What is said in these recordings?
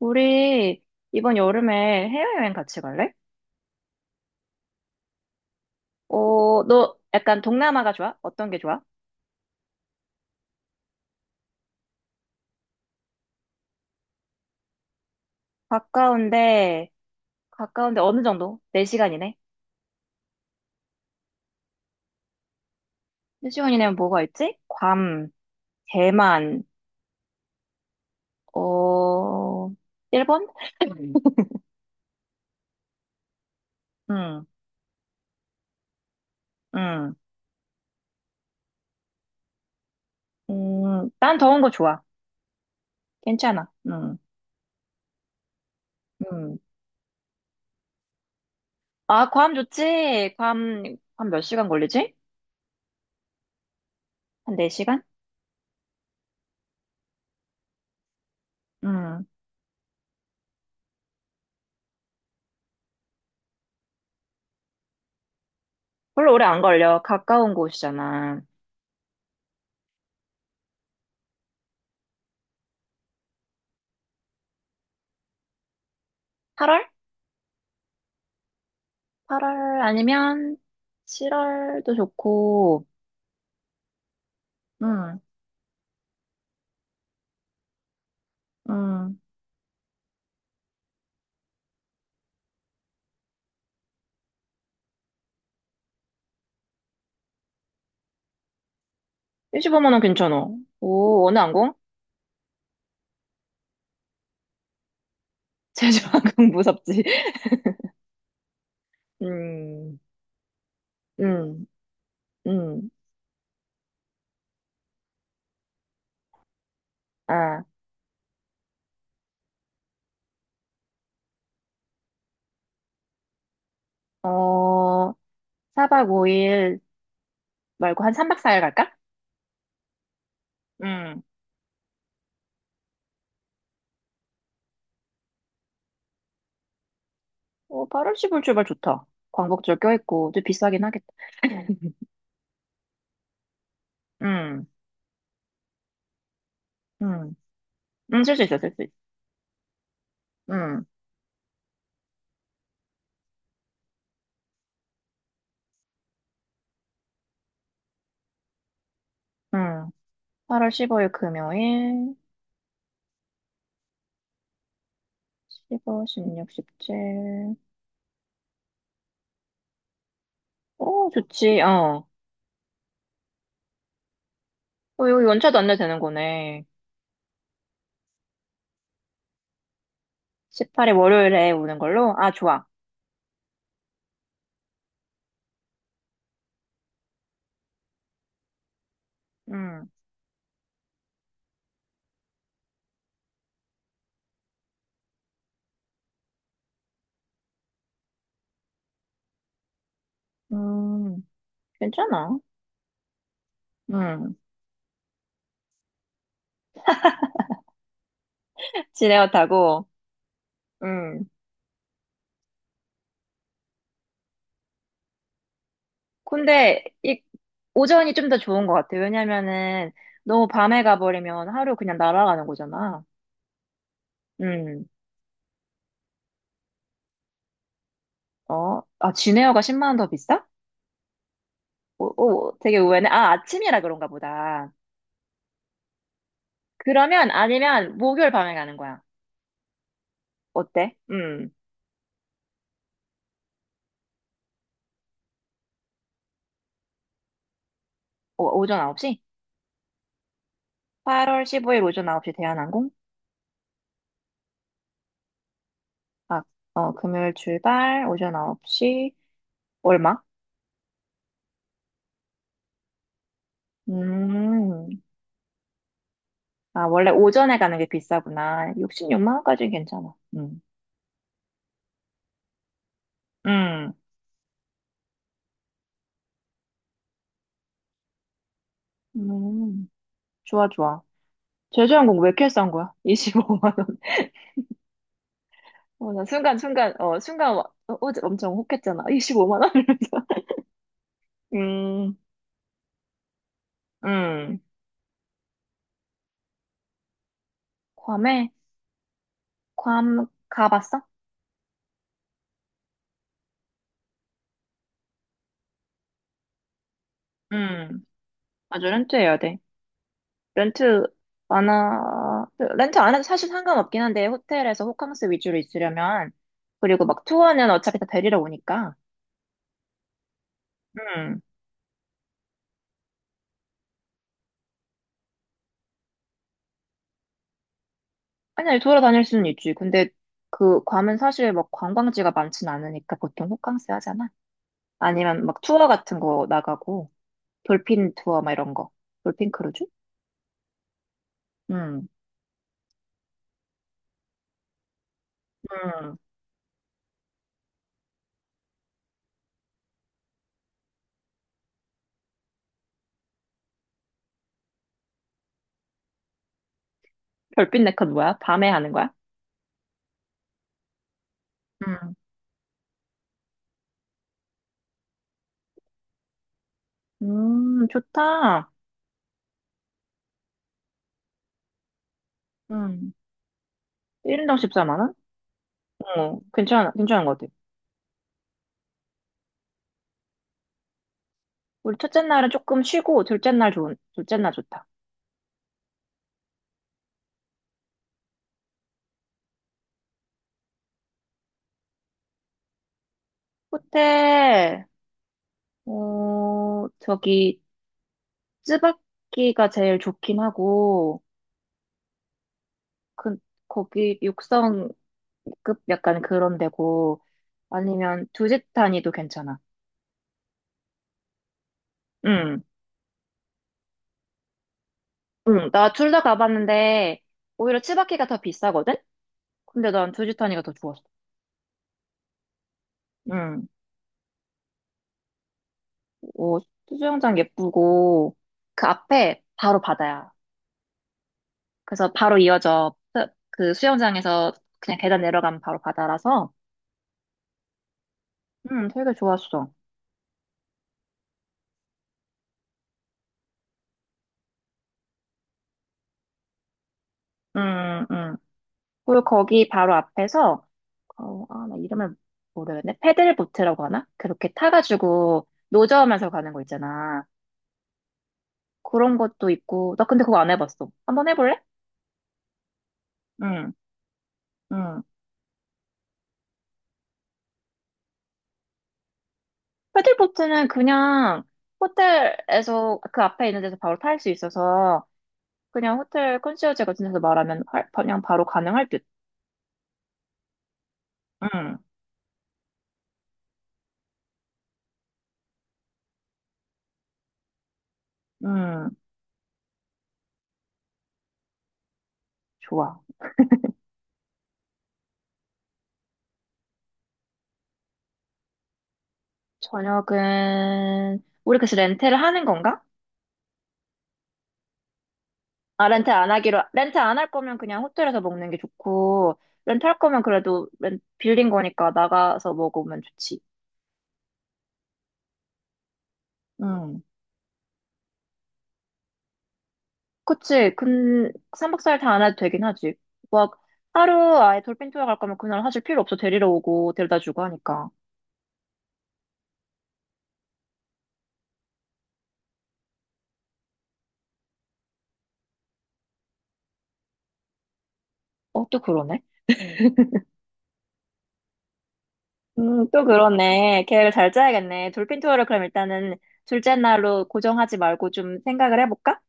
우리 이번 여름에 해외여행 같이 갈래? 어, 너 약간 동남아가 좋아? 어떤 게 좋아? 가까운데, 가까운데 어느 정도? 4시간이네? 4시간이면 뭐가 있지? 괌, 대만, 어, 일본? 응, 응, 난 더운 거 좋아. 괜찮아. 응, 응. 아, 괌 좋지? 괌 몇 시간 걸리지? 한 4시간? 응. 별로 오래 안 걸려. 가까운 곳이잖아. 8월? 8월 아니면 7월도 좋고. 음, 음. 십5만원 괜찮아. 오, 어느 항공? 제주항공 무섭지. 음, 음, 음. 아, 어, 4박 5일 말고 한 3박 4일 갈까? 음. 어, 8월 10일 출발 좋다. 광복절 껴있고, 좀 비싸긴 하겠다. 음, 음. 쓸 수 있어, 쓸 수 있어. 음, 음. 8월 15일 금요일, 15, 16, 17. 오, 좋지, 어. 여기 연차도 안 내도 되는 거네. 18일 월요일에 오는 걸로? 아, 좋아. 음, 음, 괜찮아. 음, 지레어 타고, 음. 근데, 오전이 좀 더 좋은 것 같아. 왜냐면은, 너무 밤에 가버리면 하루 그냥 날아가는 거잖아. 음, 아, 지레어가 10만 원 더 비싸? 오, 오, 되게 의외네. 아, 아침이라 그런가 보다. 그러면, 아니면, 목요일 밤에 가는 거야. 어때? 오, 오전 9시? 8월 15일 오전 9시 대한항공? 아, 어, 금요일 출발, 오전 9시, 얼마? 음, 아, 원래 오전에 가는 게 비싸구나. 66만 원까지는 괜찮아. 음, 음, 좋아, 좋아. 제주항공 왜 이렇게 싼 거야? 25만 원. 나 순간 어제 엄청 혹했잖아. 25만 원 이러면서. 음, 음. 괌에? 괌 가봤어? 음, 맞아, 렌트해야 돼. 렌트 안 하, 렌트 안 해도 사실 상관없긴 한데, 호텔에서 호캉스 위주로 있으려면, 그리고 막 투어는 어차피 다 데리러 오니까. 음. 아니, 아니, 돌아다닐 수는 있지. 근데 그 괌은 사실 막 관광지가 많진 않으니까 보통 호캉스 하잖아. 아니면 막 투어 같은 거 나가고, 돌핀 투어 막 이런 거. 돌핀 크루즈? 음, 음. 별빛 네컷 뭐야? 밤에 하는 거야? 음, 좋다. 음. 1인당 14만 원? 괜찮아, 괜찮은 것 같아. 우리 첫째 날은 조금 쉬고, 둘째 날 좋다. 호텔, 어, 저기, 쯔바키가 제일 좋긴 하고, 그, 거기 6성급 약간 그런 데고, 아니면 두짓타니도 괜찮아. 응, 응, 나 둘 다 가봤는데, 오히려 쯔바키가 더 비싸거든? 근데 난 두짓타니가 더 좋았어. 응, 어, 수영장 예쁘고, 그 앞에 바로 바다야. 그래서 바로 이어져 그 수영장에서 그냥 계단 내려가면 바로 바다라서 되게 좋았어. 음, 음. 그리고 거기 바로 앞에서 나 이름을 모르겠네. 패들보트라고 하나? 그렇게 타가지고 노저우면서 가는 거 있잖아. 그런 것도 있고. 나 근데 그거 안 해봤어. 한번 해볼래? 응, 응. 패들보트는 그냥 호텔에서 그 앞에 있는 데서 바로 탈 수 있어서 그냥 호텔 컨시어지 같은 데서 말하면 그냥 바로 가능할 듯. 응, 응. 좋아. 저녁은 우리 그래서 렌트를 하는 건가? 아, 렌트 안 할 거면 그냥 호텔에서 먹는 게 좋고 렌트 할 거면 그래도 빌린 거니까 나가서 먹으면 좋지. 응. 그치? 근 3박 4일 다 안 해도 되긴 하지. 막 하루 아예 돌핀 투어 갈 거면 그날 사실 필요 없어. 데리러 오고 데려다 주고 하니까. 또 그러네. 또 그러네. 계획을 잘 짜야겠네. 돌핀 투어를 그럼 일단은 둘째 날로 고정하지 말고 좀 생각을 해볼까?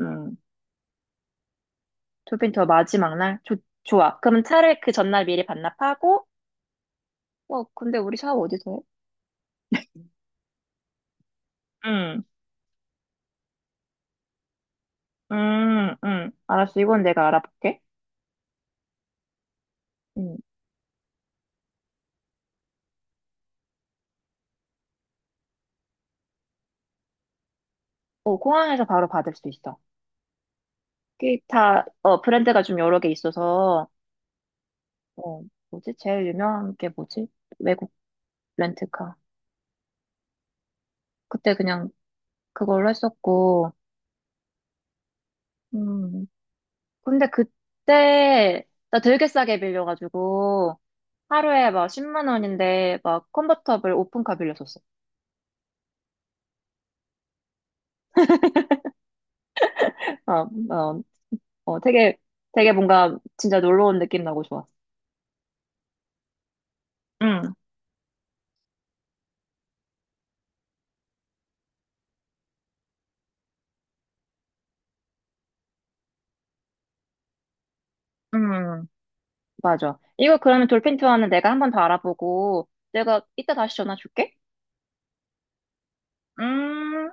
음. 돌핀투어 마지막 날? 좋아. 그럼 차를 그 전날 미리 반납하고, 와, 근데 우리 샤워 어디서 해? 응, 응, 응. 알았어. 이건 내가 알아볼게. 응. 공항에서 바로 받을 수 있어. 기타, 브랜드가 좀 여러 개 있어서, 어, 뭐지? 제일 유명한 게 뭐지? 외국 렌트카. 그때 그냥 그걸로 했었고. 음, 근데 그때, 나 되게 싸게 빌려가지고, 하루에 막 10만 원인데, 막 컨버터블 오픈카 빌렸었어. 어, 어, 어, 되게, 되게 뭔가 진짜 놀러 온 느낌 나고 좋았어. 응, 응. 맞아. 이거 그러면 돌핀 투어는 내가 한번 더 알아보고, 내가 이따 다시 전화 줄게. 음.